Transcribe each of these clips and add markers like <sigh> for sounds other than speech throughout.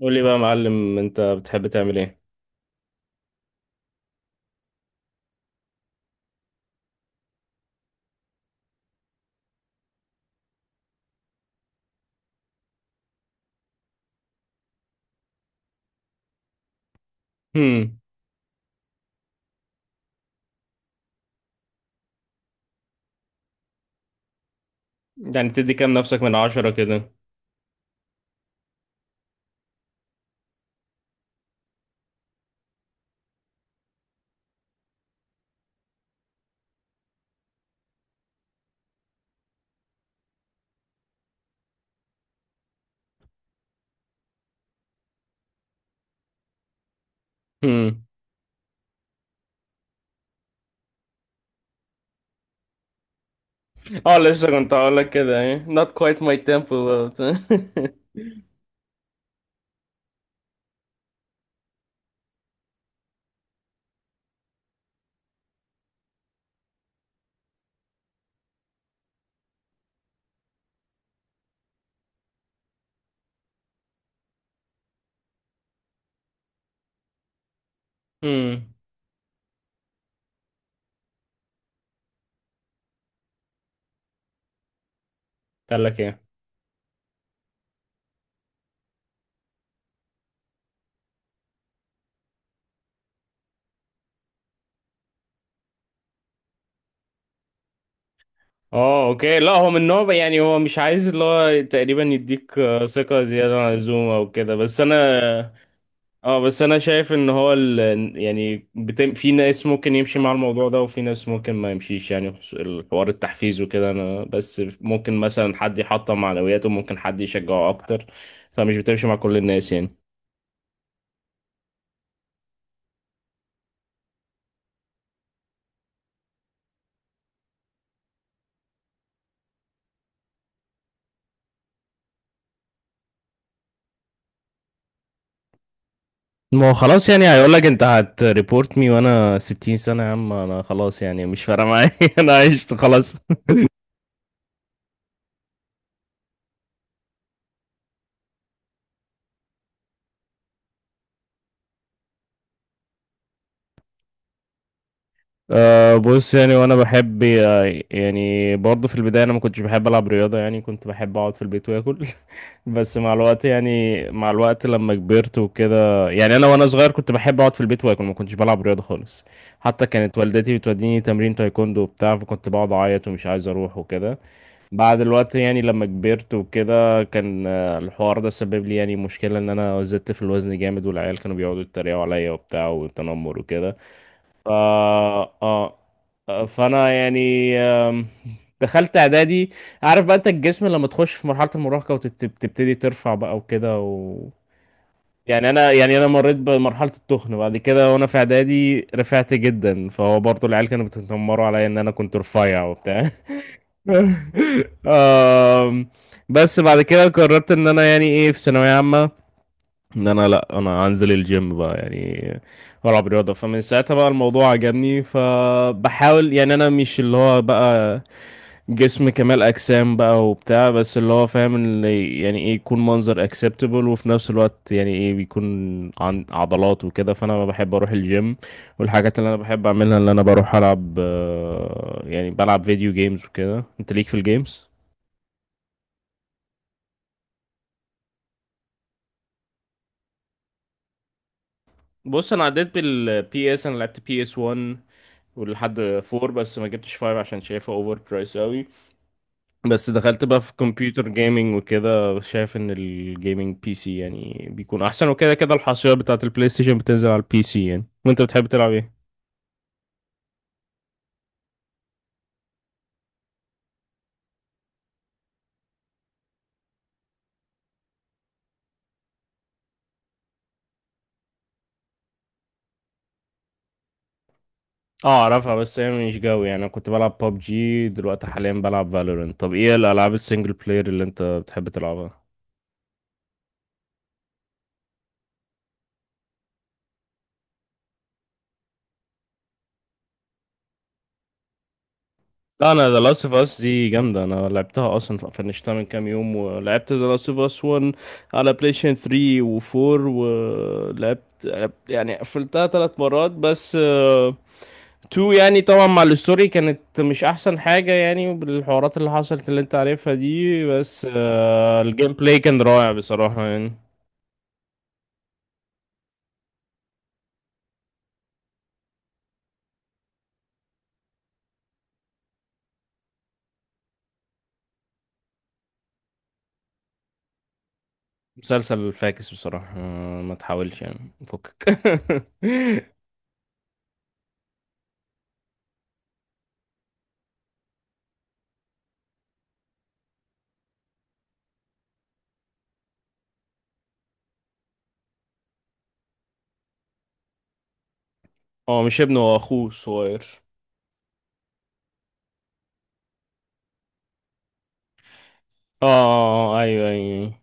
قول لي بقى يا معلم، انت بتحب تعمل ايه؟ هم. يعني تدي كام نفسك من عشرة كده؟ هم. اه لسه كنت هقول لك كده ايه not quite my tempo but <laughs> هم. قال لك ايه؟ اه اوكي. لا هو من نوع يعني هو مش عايز اللي هو تقريبا يديك ثقة زيادة عن اللزوم او كده، بس انا. اه بس انا شايف ان هو يعني في ناس ممكن يمشي مع الموضوع ده وفي ناس ممكن ما يمشيش يعني الحوار التحفيز وكده، انا بس ممكن مثلا حد يحطم معنوياته، ممكن حد يشجعه اكتر. فمش بتمشي مع كل الناس يعني. ما هو خلاص يعني هيقول لك انت هتريبورت مي وانا 60 سنة يا عم، انا خلاص يعني مش فارقة معايا <laughs> انا عشت خلاص. أه بص يعني وانا بحب يعني برضه في البداية انا ما كنتش بحب العب رياضة يعني، كنت بحب اقعد في البيت واكل <laughs> بس مع الوقت يعني مع الوقت لما كبرت وكده، يعني انا وانا صغير كنت بحب اقعد في البيت واكل، ما كنتش بلعب رياضه خالص. حتى كانت والدتي بتوديني تمرين تايكوندو وبتاع، فكنت بقعد اعيط ومش عايز اروح وكده. بعد الوقت يعني لما كبرت وكده كان الحوار ده سبب لي يعني مشكله ان انا زدت في الوزن جامد، والعيال كانوا بيقعدوا يتريقوا عليا وبتاع وتنمر وكده. آه آه فأنا يعني دخلت إعدادي. عارف بقى أنت الجسم لما تخش في مرحلة المراهقة وتبتدي ترفع بقى وكده يعني أنا يعني أنا مريت بمرحلة التخن بعد كده، وأنا في إعدادي رفعت جدا فهو برضه العيال كانوا بيتنمروا عليا إن أنا كنت رفيع وبتاع <laughs> آم، بس بعد كده قررت ان انا يعني ايه في ثانوية عامة، ان انا لا انا انزل الجيم بقى يعني والعب رياضه. فمن ساعتها بقى الموضوع عجبني، فبحاول يعني انا مش اللي هو بقى جسم كمال اجسام بقى وبتاع، بس اللي هو فاهم اللي يعني ايه يكون منظر اكسبتبل، وفي نفس الوقت يعني ايه بيكون عن عضلات وكده. فانا بحب اروح الجيم، والحاجات اللي انا بحب اعملها اللي انا بروح العب يعني بلعب فيديو جيمز وكده. انت ليك في الجيمز؟ بص انا عديت بالبي اس، انا لعبت بي اس 1 ولحد فور، بس ما جبتش فايف عشان شايفها اوفر برايس قوي. بس دخلت بقى في كمبيوتر جيمنج وكده، شايف ان الجيمنج بي سي يعني بيكون احسن وكده. كده الحصريات بتاعت البلاي ستيشن بتنزل على البي سي يعني. وانت بتحب تلعب ايه؟ اه اعرفها بس هي مش جوي يعني. انا كنت بلعب ببجي، دلوقتي حاليا بلعب فالورنت. طب ايه الالعاب السنجل بلاير اللي انت بتحب تلعبها؟ لا انا ذا لاست اوف اس دي جامده، انا لعبتها اصلا فنشتها من كام يوم، ولعبت ذا لاست اوف اس 1 على بلاي ستيشن 3 و4، ولعبت يعني قفلتها ثلاث مرات بس 2 يعني طبعا مع الستوري كانت مش احسن حاجه يعني، بالحوارات اللي حصلت اللي انت عارفها دي، بس الجيم بلاي كان رائع بصراحه يعني. مسلسل فاكس بصراحه ما تحاولش يعني فكك <laughs> هو مش ابنه، هو اخوه الصغير. اه آه، ايوه ايوه.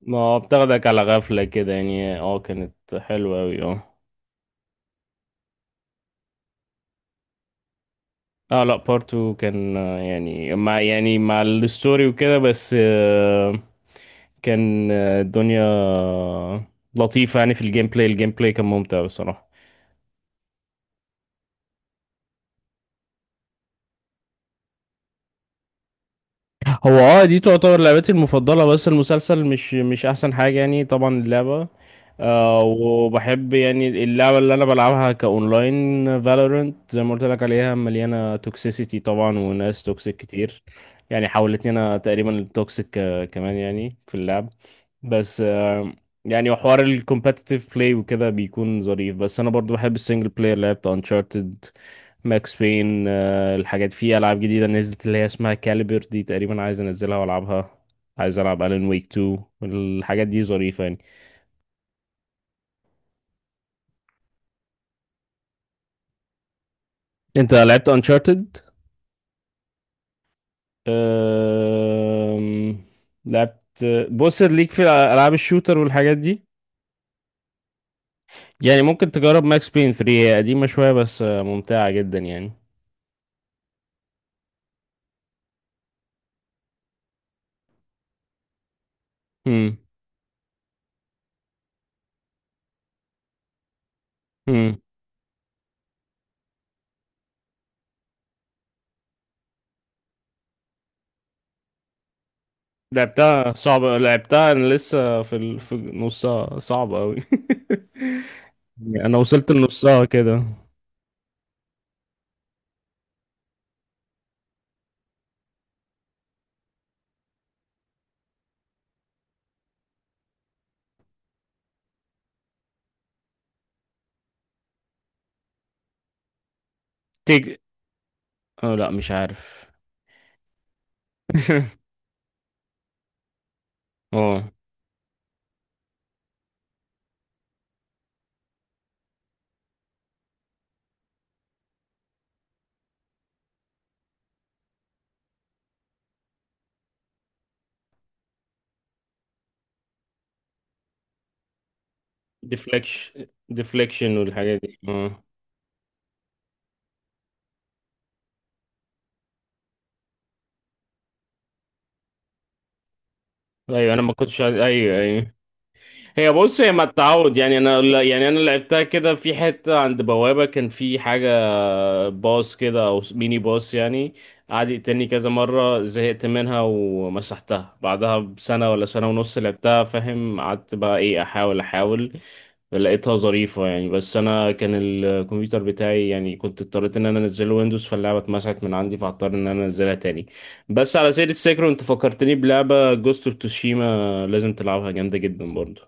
ما بتاخدك على غفلة كده يعني، اه كانت حلوة اوي اه. اه لا بارت 2 كان يعني مع الستوري وكده بس كان الدنيا لطيفة يعني. في الجيم بلاي، الجيم بلاي كان ممتع بصراحة. هو اه دي تعتبر لعبتي المفضلة، بس المسلسل مش أحسن حاجة يعني، طبعا اللعبة. آه وبحب يعني اللعبة اللي أنا بلعبها كأونلاين فالورنت زي ما قلت لك عليها مليانة توكسيسيتي طبعا وناس توكسيك كتير. يعني حولتني أنا تقريبا التوكسيك كمان يعني في اللعب. بس آه يعني وحوار الكومبتيتيف بلاي وكده بيكون ظريف، بس أنا برضو بحب السنجل بلاير. لعبت أنشارتد، ماكس بين، الحاجات. في العاب جديده نزلت اللي هي اسمها كاليبر، دي تقريبا عايز انزلها والعبها. عايز العب الين ويك 2، الحاجات دي ظريفه يعني. انت لعبت انشارتد؟ أم... لعبت. بص ليك في العاب الشوتر والحاجات دي، يعني ممكن تجرب ماكس بين 3، هي قديمه شويه بس ممتعه جدا يعني. امم امم. لعبتها صعبه، لعبتها انا لسه في في نصها، صعبه قوي. <laughs> انا وصلت لنصها كده. تيج. اه لا مش عارف. <laughs> اه. ديفليكشن ديفليكشن والحاجات دي اه. ايوه انا ما كنتش ايوه ايوه. هي بص هي ما التعود يعني، انا يعني انا لعبتها كده في حته عند بوابه، كان في حاجه باص كده او ميني باص يعني، قعد يقتلني كذا مره، زهقت منها ومسحتها بعدها بسنه ولا سنه ونص. لعبتها فاهم، قعدت بقى ايه احاول احاول. لقيتها ظريفة يعني بس أنا كان الكمبيوتر بتاعي يعني كنت اضطريت إن أنا أنزله ويندوز، فاللعبة اتمسحت من عندي فاضطر إن أنا أنزلها تاني. بس على سيرة سيكرو، أنت فكرتني بلعبة جوست اوف توشيما، لازم تلعبها جامدة جدا برضو.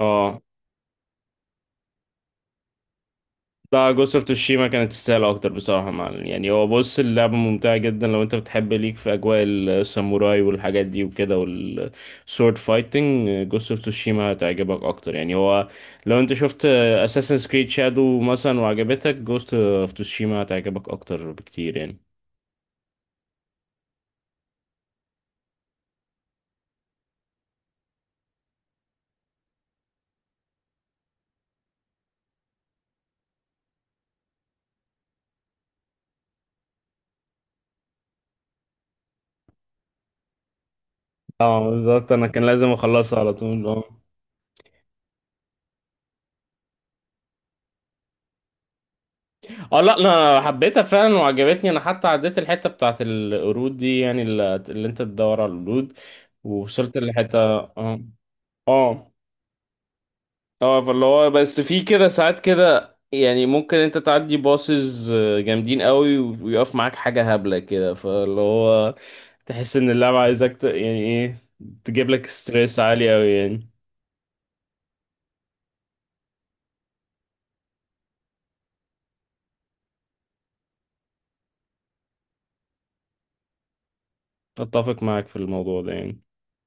اه لا جوست اوف توشيما كانت تستاهل اكتر بصراحه، مع يعني هو بص اللعبه ممتعه جدا. لو انت بتحب ليك في اجواء الساموراي والحاجات دي وكده والسورد فايتنج، جوست اوف توشيما هتعجبك اكتر يعني. هو لو انت شفت اساسن كريد شادو مثلا وعجبتك، جوست اوف توشيما هتعجبك اكتر بكتير يعني. اه بالظبط، انا كان لازم اخلصها على طول اه. اه لا لا، انا حبيتها فعلا وعجبتني، انا حتى عديت الحته بتاعت القرود دي يعني اللي انت تدور على القرود، ووصلت لحته اه. اه اه. فاللي هو بس في كده ساعات كده يعني، ممكن انت تعدي باصز جامدين قوي ويقف معاك حاجة هبلة كده، فاللي هو تحس ان اللعبة عايزك يعني ايه تجيب لك ستريس عالي قوي يعني. اتفق معاك في الموضوع ده يعني